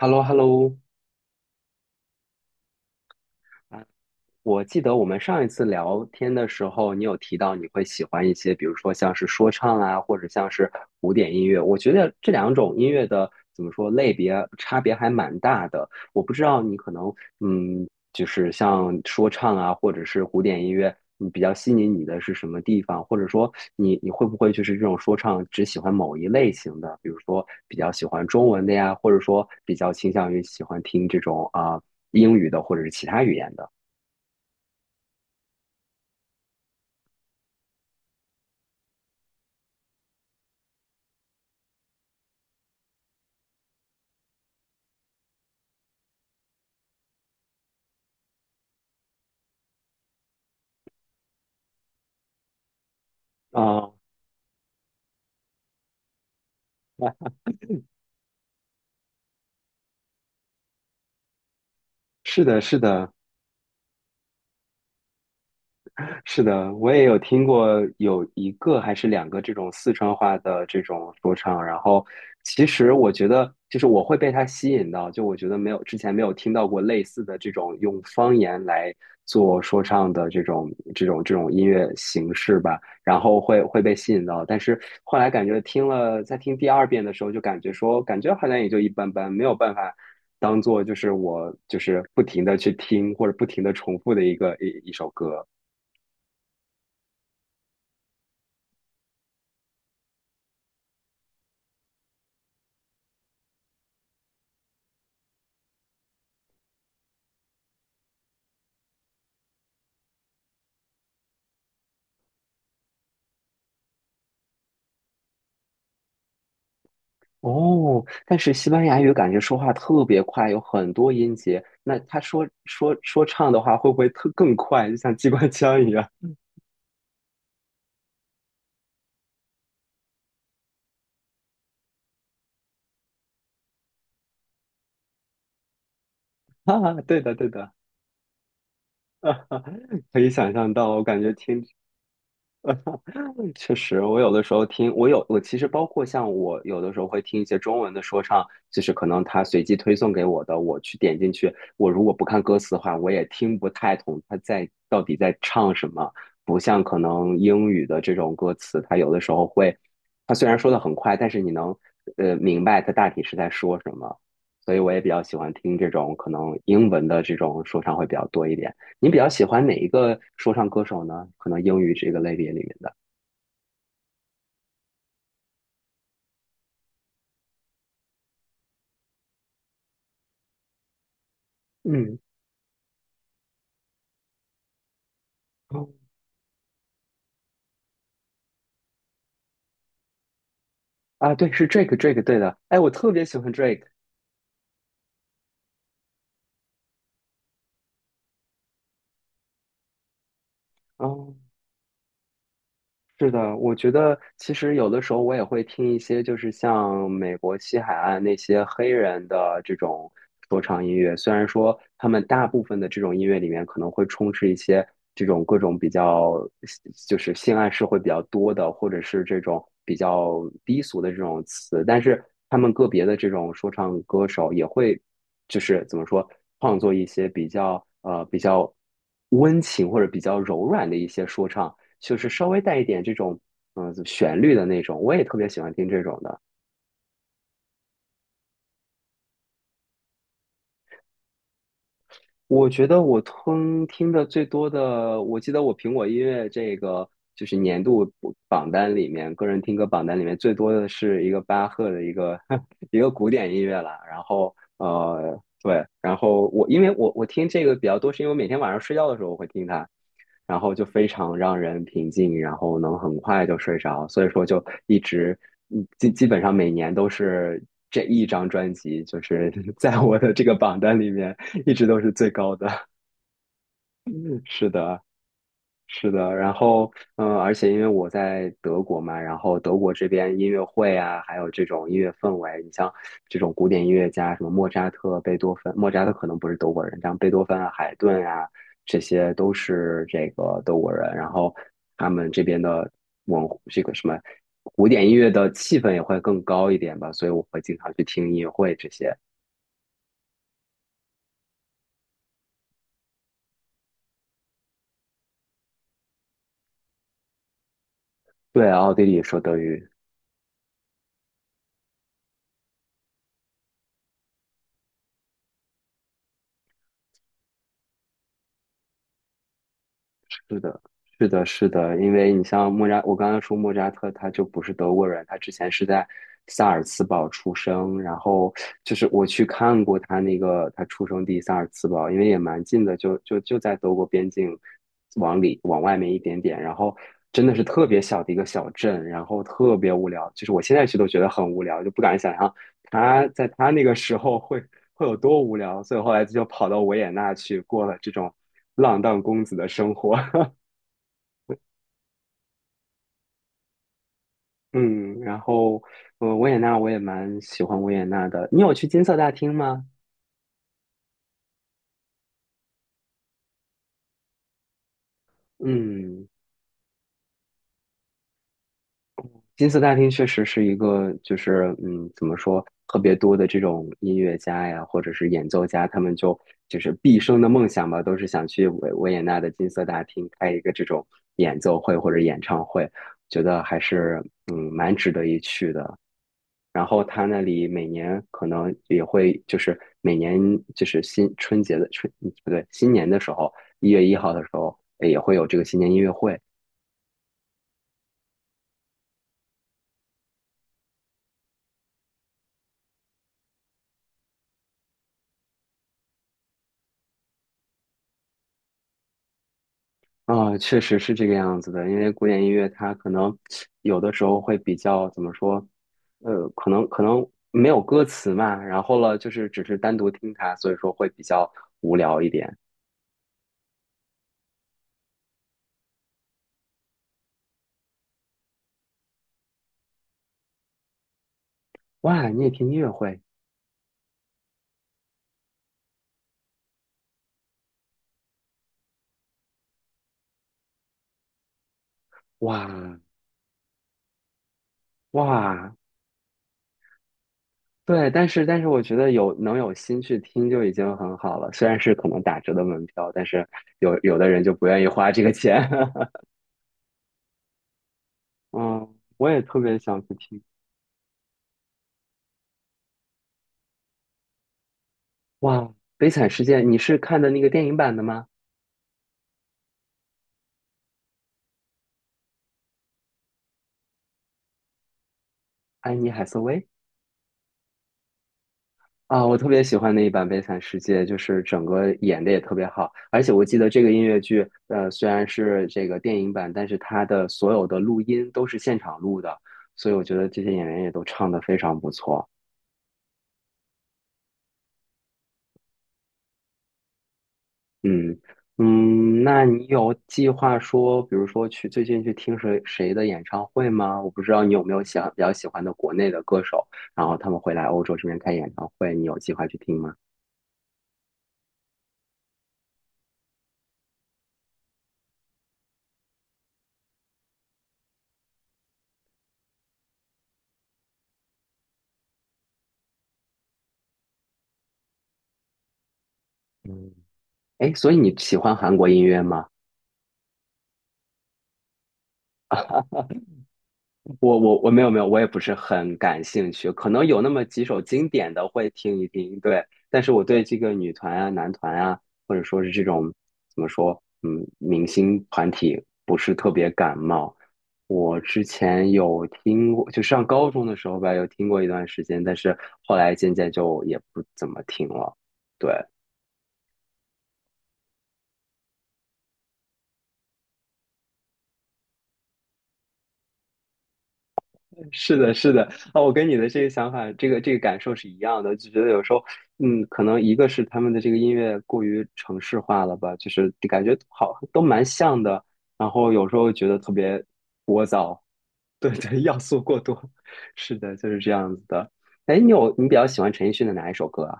h e l l o h e l l o 啊，我记得我们上一次聊天的时候，你有提到你会喜欢一些，比如说像是说唱啊，或者像是古典音乐。我觉得这两种音乐的怎么说类别差别还蛮大的。我不知道你可能嗯，就是像说唱啊，或者是古典音乐，你比较吸引你的是什么地方？或者说你会不会就是这种说唱只喜欢某一类型的，比如说比较喜欢中文的呀，或者说比较倾向于喜欢听这种啊、英语的或者是其他语言的？啊，是的，是的，是的，我也有听过有一个还是两个这种四川话的这种说唱，然后其实我觉得就是我会被它吸引到，就我觉得没有之前没有听到过类似的这种用方言来做说唱的这种音乐形式吧，然后会被吸引到，但是后来感觉听了在听第二遍的时候，就感觉说感觉好像也就一般般，没有办法。当做就是我就是不停的去听或者不停的重复的一个一一首歌。哦，但是西班牙语感觉说话特别快，有很多音节。那他说唱的话，会不会特更快，就像机关枪一样？哈哈，对的，对的，哈哈，可以想象到，我感觉听嗯确实，我有的时候听，我其实包括像我有的时候会听一些中文的说唱，就是可能他随机推送给我的，我去点进去，我如果不看歌词的话，我也听不太懂到底在唱什么。不像可能英语的这种歌词，它有的时候会，它虽然说的很快，但是你能明白它大体是在说什么。所以我也比较喜欢听这种可能英文的这种说唱会比较多一点。你比较喜欢哪一个说唱歌手呢？可能英语这个类别里面的。嗯，哦啊，对，是 Drake，Drake，对的。哎，我特别喜欢 Drake。哦，是的，我觉得其实有的时候我也会听一些，就是像美国西海岸那些黑人的这种说唱音乐。虽然说他们大部分的这种音乐里面可能会充斥一些这种各种比较，就是性暗示会比较多的，或者是这种比较低俗的这种词，但是他们个别的这种说唱歌手也会，就是怎么说，创作一些比较比较温情或者比较柔软的一些说唱。就是稍微带一点这种旋律的那种，我也特别喜欢听这种的。我觉得我听的最多的，我记得我苹果音乐这个就是年度榜单里面，个人听歌榜单里面最多的是一个巴赫的一个 一个古典音乐啦。然后对，然后我因为我听这个比较多，是因为我每天晚上睡觉的时候我会听它，然后就非常让人平静，然后能很快就睡着，所以说就一直，基本上每年都是这一张专辑，就是 在我的这个榜单里面一直都是最高的。是的，是的，然后而且因为我在德国嘛，然后德国这边音乐会啊，还有这种音乐氛围，你像这种古典音乐家，什么莫扎特、贝多芬，莫扎特可能不是德国人，像贝多芬啊、海顿啊，这些都是这个德国人，然后他们这边的文这个什么古典音乐的气氛也会更高一点吧，所以我会经常去听音乐会这些。对啊，奥地利说德语。是的，是的，是的，因为你像莫扎，我刚刚说莫扎特，他就不是德国人，他之前是在萨尔茨堡出生，然后就是我去看过他那个他出生地萨尔茨堡，因为也蛮近的，就在德国边境往里往外面一点点，然后真的是特别小的一个小镇，然后特别无聊，就是我现在去都觉得很无聊，就不敢想象他在他那个时候会有多无聊，所以后来就跑到维也纳去过了这种浪荡公子的生活。嗯，然后维也纳我也蛮喜欢维也纳的。你有去金色大厅吗？嗯，金色大厅确实是一个，就是怎么说，特别多的这种音乐家呀，或者是演奏家，他们就是毕生的梦想吧，都是想去维也纳的金色大厅开一个这种演奏会或者演唱会，觉得还是蛮值得一去的。然后他那里每年可能也会，就是每年就是新春节的春，不对，新年的时候，1月1号的时候，也会有这个新年音乐会啊，确实是这个样子的。因为古典音乐它可能有的时候会比较怎么说，可能没有歌词嘛，然后了就是只是单独听它，所以说会比较无聊一点。哇，你也听音乐会？哇哇，对，但是我觉得有能有心去听就已经很好了，虽然是可能打折的门票，但是有的人就不愿意花这个钱。嗯，我也特别想去听。哇，《悲惨世界》，你是看的那个电影版的吗？安妮海瑟薇啊，我特别喜欢那一版《悲惨世界》，就是整个演的也特别好，而且我记得这个音乐剧，虽然是这个电影版，但是它的所有的录音都是现场录的，所以我觉得这些演员也都唱得非常不错。嗯嗯，那你有计划说，比如说去最近去听谁谁的演唱会吗？我不知道你有没有想比较喜欢的国内的歌手，然后他们会来欧洲这边开演唱会，你有计划去听吗？嗯，哎，所以你喜欢韩国音乐吗？我没有没有，我也不是很感兴趣，可能有那么几首经典的会听一听，对。但是我对这个女团啊、男团啊，或者说是这种怎么说，明星团体不是特别感冒。我之前有听过，就上高中的时候吧，有听过一段时间，但是后来渐渐就也不怎么听了。对，是的，是的，啊，我跟你的这个想法，这个这个感受是一样的，就觉得有时候，可能一个是他们的这个音乐过于城市化了吧，就是感觉好都蛮像的，然后有时候觉得特别聒噪，对对，要素过多，是的，就是这样子的。哎，你有你比较喜欢陈奕迅的哪一首歌啊？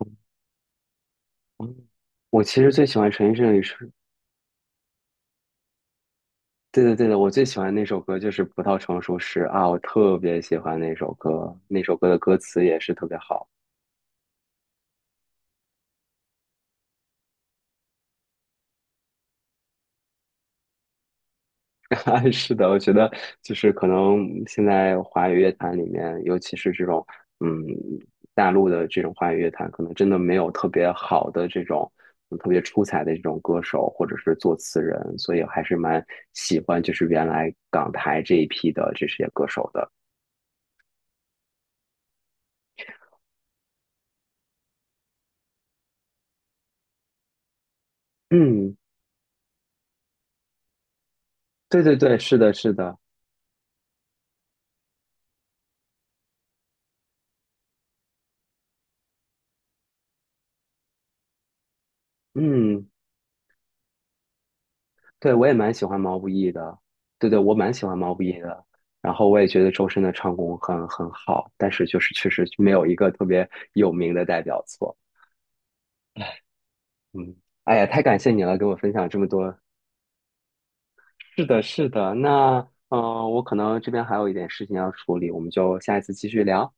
嗯我其实最喜欢陈奕迅的一首，对的对的，我最喜欢那首歌就是《葡萄成熟时》啊，我特别喜欢那首歌，那首歌的歌词也是特别好。是的，我觉得就是可能现在华语乐坛里面，尤其是这种嗯大陆的这种华语乐坛，可能真的没有特别好的这种特别出彩的这种歌手或者是作词人，所以还是蛮喜欢就是原来港台这一批的这些歌手的。嗯，对对对，是的，是的，嗯。对，我也蛮喜欢毛不易的，对对，我蛮喜欢毛不易的。然后我也觉得周深的唱功很好，但是就是确实没有一个特别有名的代表作。嗯，哎呀，太感谢你了，跟我分享这么多。是的，是的。那我可能这边还有一点事情要处理，我们就下一次继续聊。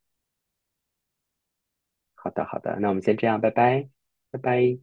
好的，好的，那我们先这样，拜拜，拜拜。